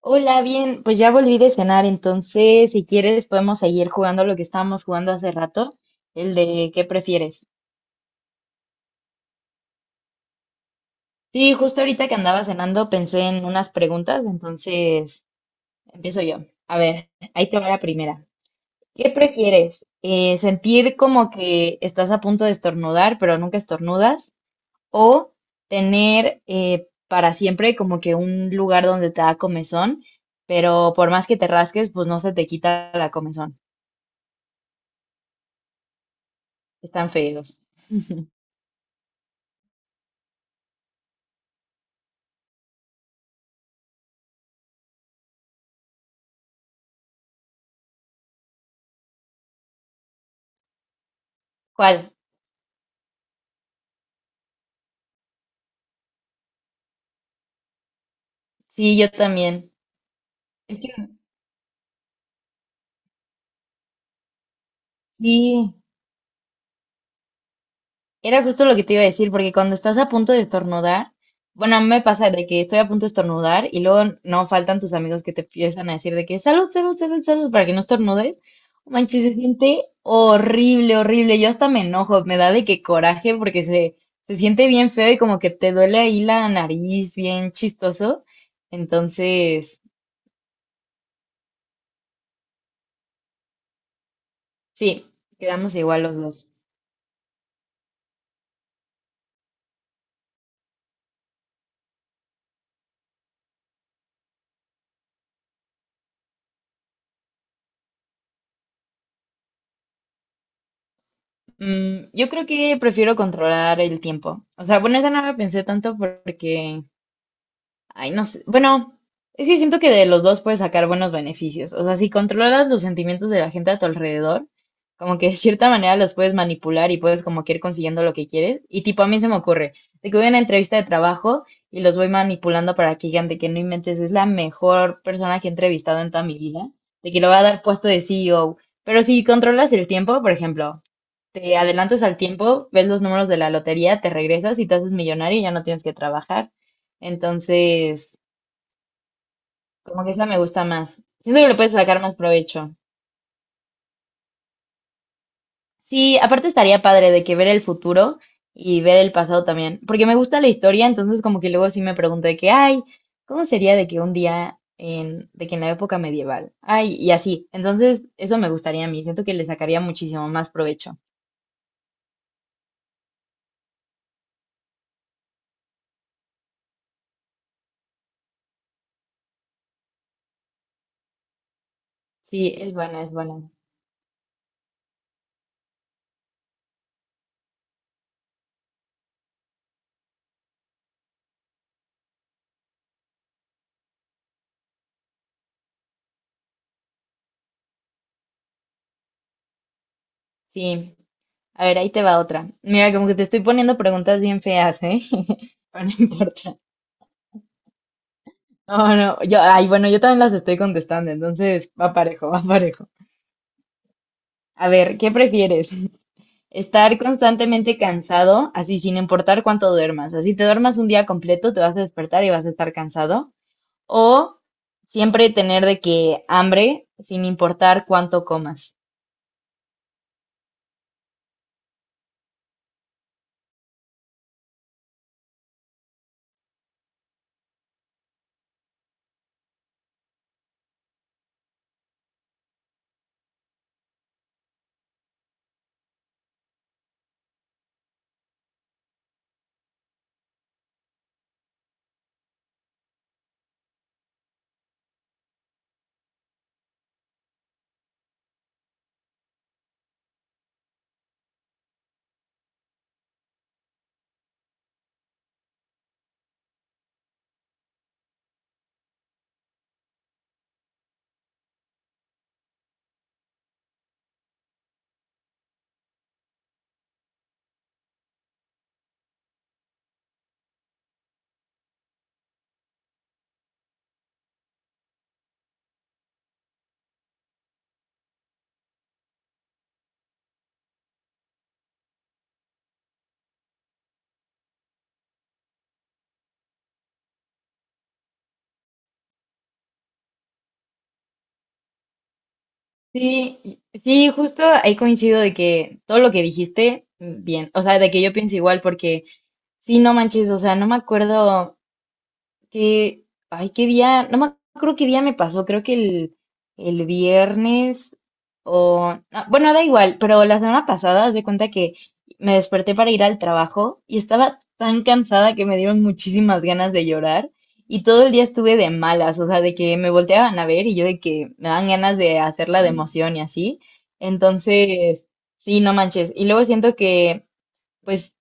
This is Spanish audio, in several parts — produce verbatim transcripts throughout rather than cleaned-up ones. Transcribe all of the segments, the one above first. Hola, bien, pues ya volví de cenar, entonces si quieres podemos seguir jugando lo que estábamos jugando hace rato, el de ¿qué prefieres? Sí, justo ahorita que andaba cenando pensé en unas preguntas, entonces empiezo yo. A ver, ahí te va la primera. ¿Qué prefieres? Eh, ¿sentir como que estás a punto de estornudar, pero nunca estornudas? ¿O tener eh, para siempre como que un lugar donde te da comezón, pero por más que te rasques, pues no se te quita la comezón? Están feos. ¿Cuál? Sí, yo también. Es que sí, era justo lo que te iba a decir, porque cuando estás a punto de estornudar, bueno, a mí me pasa de que estoy a punto de estornudar y luego no faltan tus amigos que te empiezan a decir de que salud, salud, salud, salud, para que no estornudes. No Manches, se siente horrible, horrible. Yo hasta me enojo, me da de que coraje porque se, se siente bien feo y como que te duele ahí la nariz, bien chistoso. Entonces, sí, quedamos igual los dos. Mm, yo creo que prefiero controlar el tiempo. O sea, bueno, esa no la pensé tanto porque, ay, no sé. Bueno, es que siento que de los dos puedes sacar buenos beneficios. O sea, si controlas los sentimientos de la gente a tu alrededor, como que de cierta manera los puedes manipular y puedes como que ir consiguiendo lo que quieres. Y tipo, a mí se me ocurre, de que voy a una entrevista de trabajo y los voy manipulando para que digan de que no inventes, es la mejor persona que he entrevistado en toda mi vida, de que le voy a dar puesto de C E O. Pero si controlas el tiempo, por ejemplo, te adelantas al tiempo, ves los números de la lotería, te regresas y te haces millonario y ya no tienes que trabajar. Entonces, como que esa me gusta más. Siento que le puedes sacar más provecho. Sí, aparte estaría padre de que ver el futuro y ver el pasado también, porque me gusta la historia, entonces como que luego sí me pregunto de que, ay, ¿cómo sería de que un día en, de que en la época medieval? Ay, y así. Entonces, eso me gustaría a mí, siento que le sacaría muchísimo más provecho. Sí, es buena, es buena. Sí. A ver, ahí te va otra. Mira, como que te estoy poniendo preguntas bien feas, ¿eh? Pero no importa. No, no, yo, ay, bueno, yo también las estoy contestando, entonces va parejo, va parejo. A ver, ¿qué prefieres? ¿Estar constantemente cansado, así sin importar cuánto duermas? Así te duermas un día completo, te vas a despertar y vas a estar cansado. ¿O siempre tener de que hambre, sin importar cuánto comas? Sí, y- sí, justo ahí coincido de que todo lo que dijiste, bien, o sea, de que yo pienso igual porque... Sí, no manches, o sea, no me acuerdo qué, ay, qué día, no me acuerdo qué día me pasó, creo que el, el viernes o, ah, bueno, da igual, pero la semana pasada, haz de cuenta que me desperté para ir al trabajo y estaba tan cansada que me dieron muchísimas ganas de llorar y todo el día estuve de malas, o sea, de que me volteaban a ver y yo de que me dan ganas de hacerla de emoción y así. Entonces, sí, no manches. Y luego siento que... Pues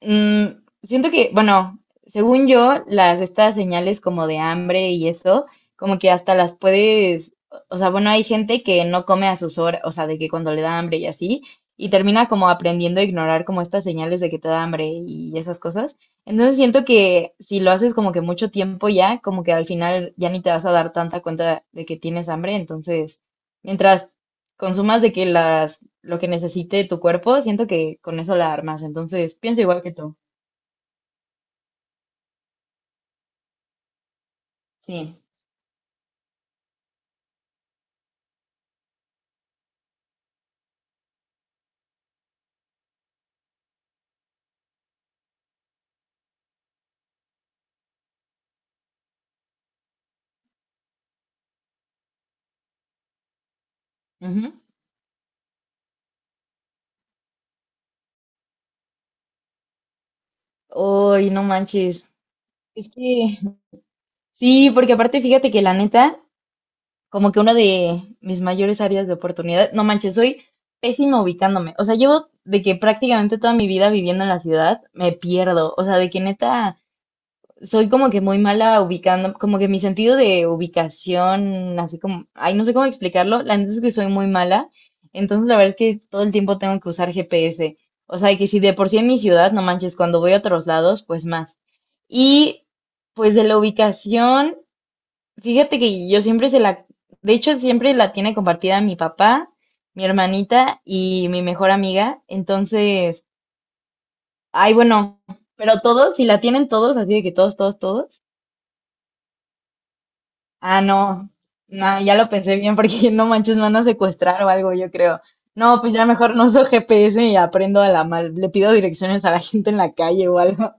mm, siento que, bueno, según yo, las estas señales como de hambre y eso, como que hasta las puedes, o sea, bueno, hay gente que no come a sus horas, o sea, de que cuando le da hambre y así, y termina como aprendiendo a ignorar como estas señales de que te da hambre y esas cosas. Entonces siento que si lo haces como que mucho tiempo ya, como que al final ya ni te vas a dar tanta cuenta de que tienes hambre, entonces, mientras consumas de que las lo que necesite tu cuerpo, siento que con eso la armas. Entonces, pienso igual que tú. Sí. Ujú. Uy, no manches. Es que sí, porque aparte fíjate que la neta, como que una de mis mayores áreas de oportunidad, no manches, soy pésima ubicándome. O sea, llevo de que prácticamente toda mi vida viviendo en la ciudad, me pierdo. O sea, de que neta soy como que muy mala ubicando, como que mi sentido de ubicación, así como, ay, no sé cómo explicarlo, la neta es que soy muy mala, entonces la verdad es que todo el tiempo tengo que usar G P S, o sea, que si de por sí en mi ciudad, no manches, cuando voy a otros lados, pues más. Y pues de la ubicación, fíjate que yo siempre se la, de hecho siempre la tiene compartida mi papá, mi hermanita y mi mejor amiga, entonces, ay, bueno, pero todos, si la tienen todos, así de que todos, todos, todos. Ah, no. No, ya lo pensé bien porque no manches, me van a secuestrar o algo, yo creo. No, pues ya mejor no uso G P S y aprendo a la mal. Le pido direcciones a la gente en la calle o algo.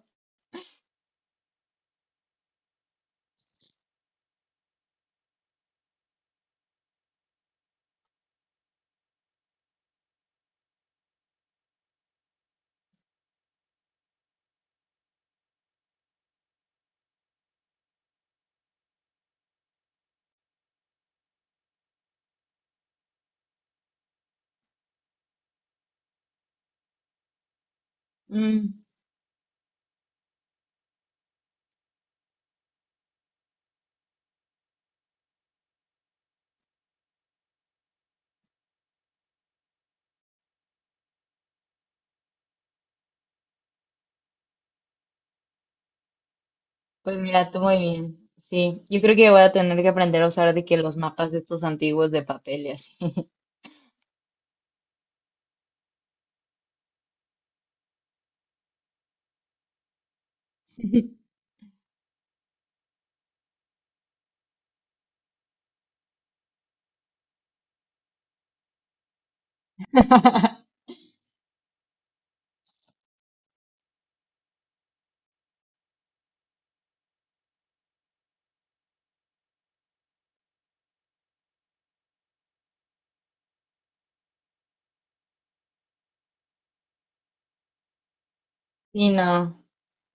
Mm, pues mira, tú muy bien. Sí, yo creo que voy a tener que aprender a usar de que los mapas de estos antiguos de papel y así. Sí, no.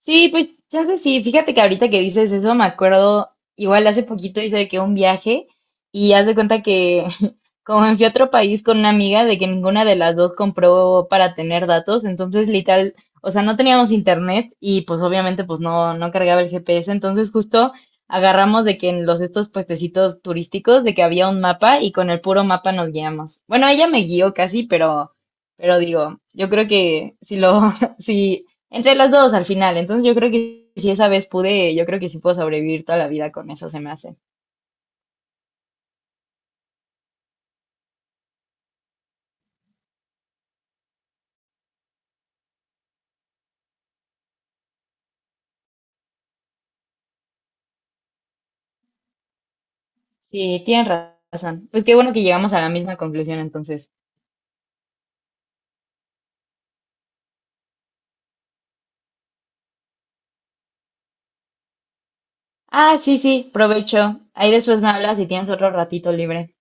Sí, pues ya sé, sí. Fíjate que ahorita que dices eso, me acuerdo, igual hace poquito hice de que un viaje y haz de cuenta que como me fui a otro país con una amiga de que ninguna de las dos compró para tener datos, entonces literal, o sea, no teníamos internet y pues obviamente pues no, no cargaba el G P S, entonces justo agarramos de que en los estos puestecitos turísticos de que había un mapa y con el puro mapa nos guiamos. Bueno, ella me guió casi, pero, pero digo, yo creo que si lo, si entre las dos al final. Entonces yo creo que si esa vez pude, yo creo que sí puedo sobrevivir toda la vida con eso, se me hace. Sí, tienes ra- razón. Pues qué bueno que llegamos a la misma conclusión entonces. Ah, sí, sí, provecho. Ahí después me hablas si tienes otro ratito libre.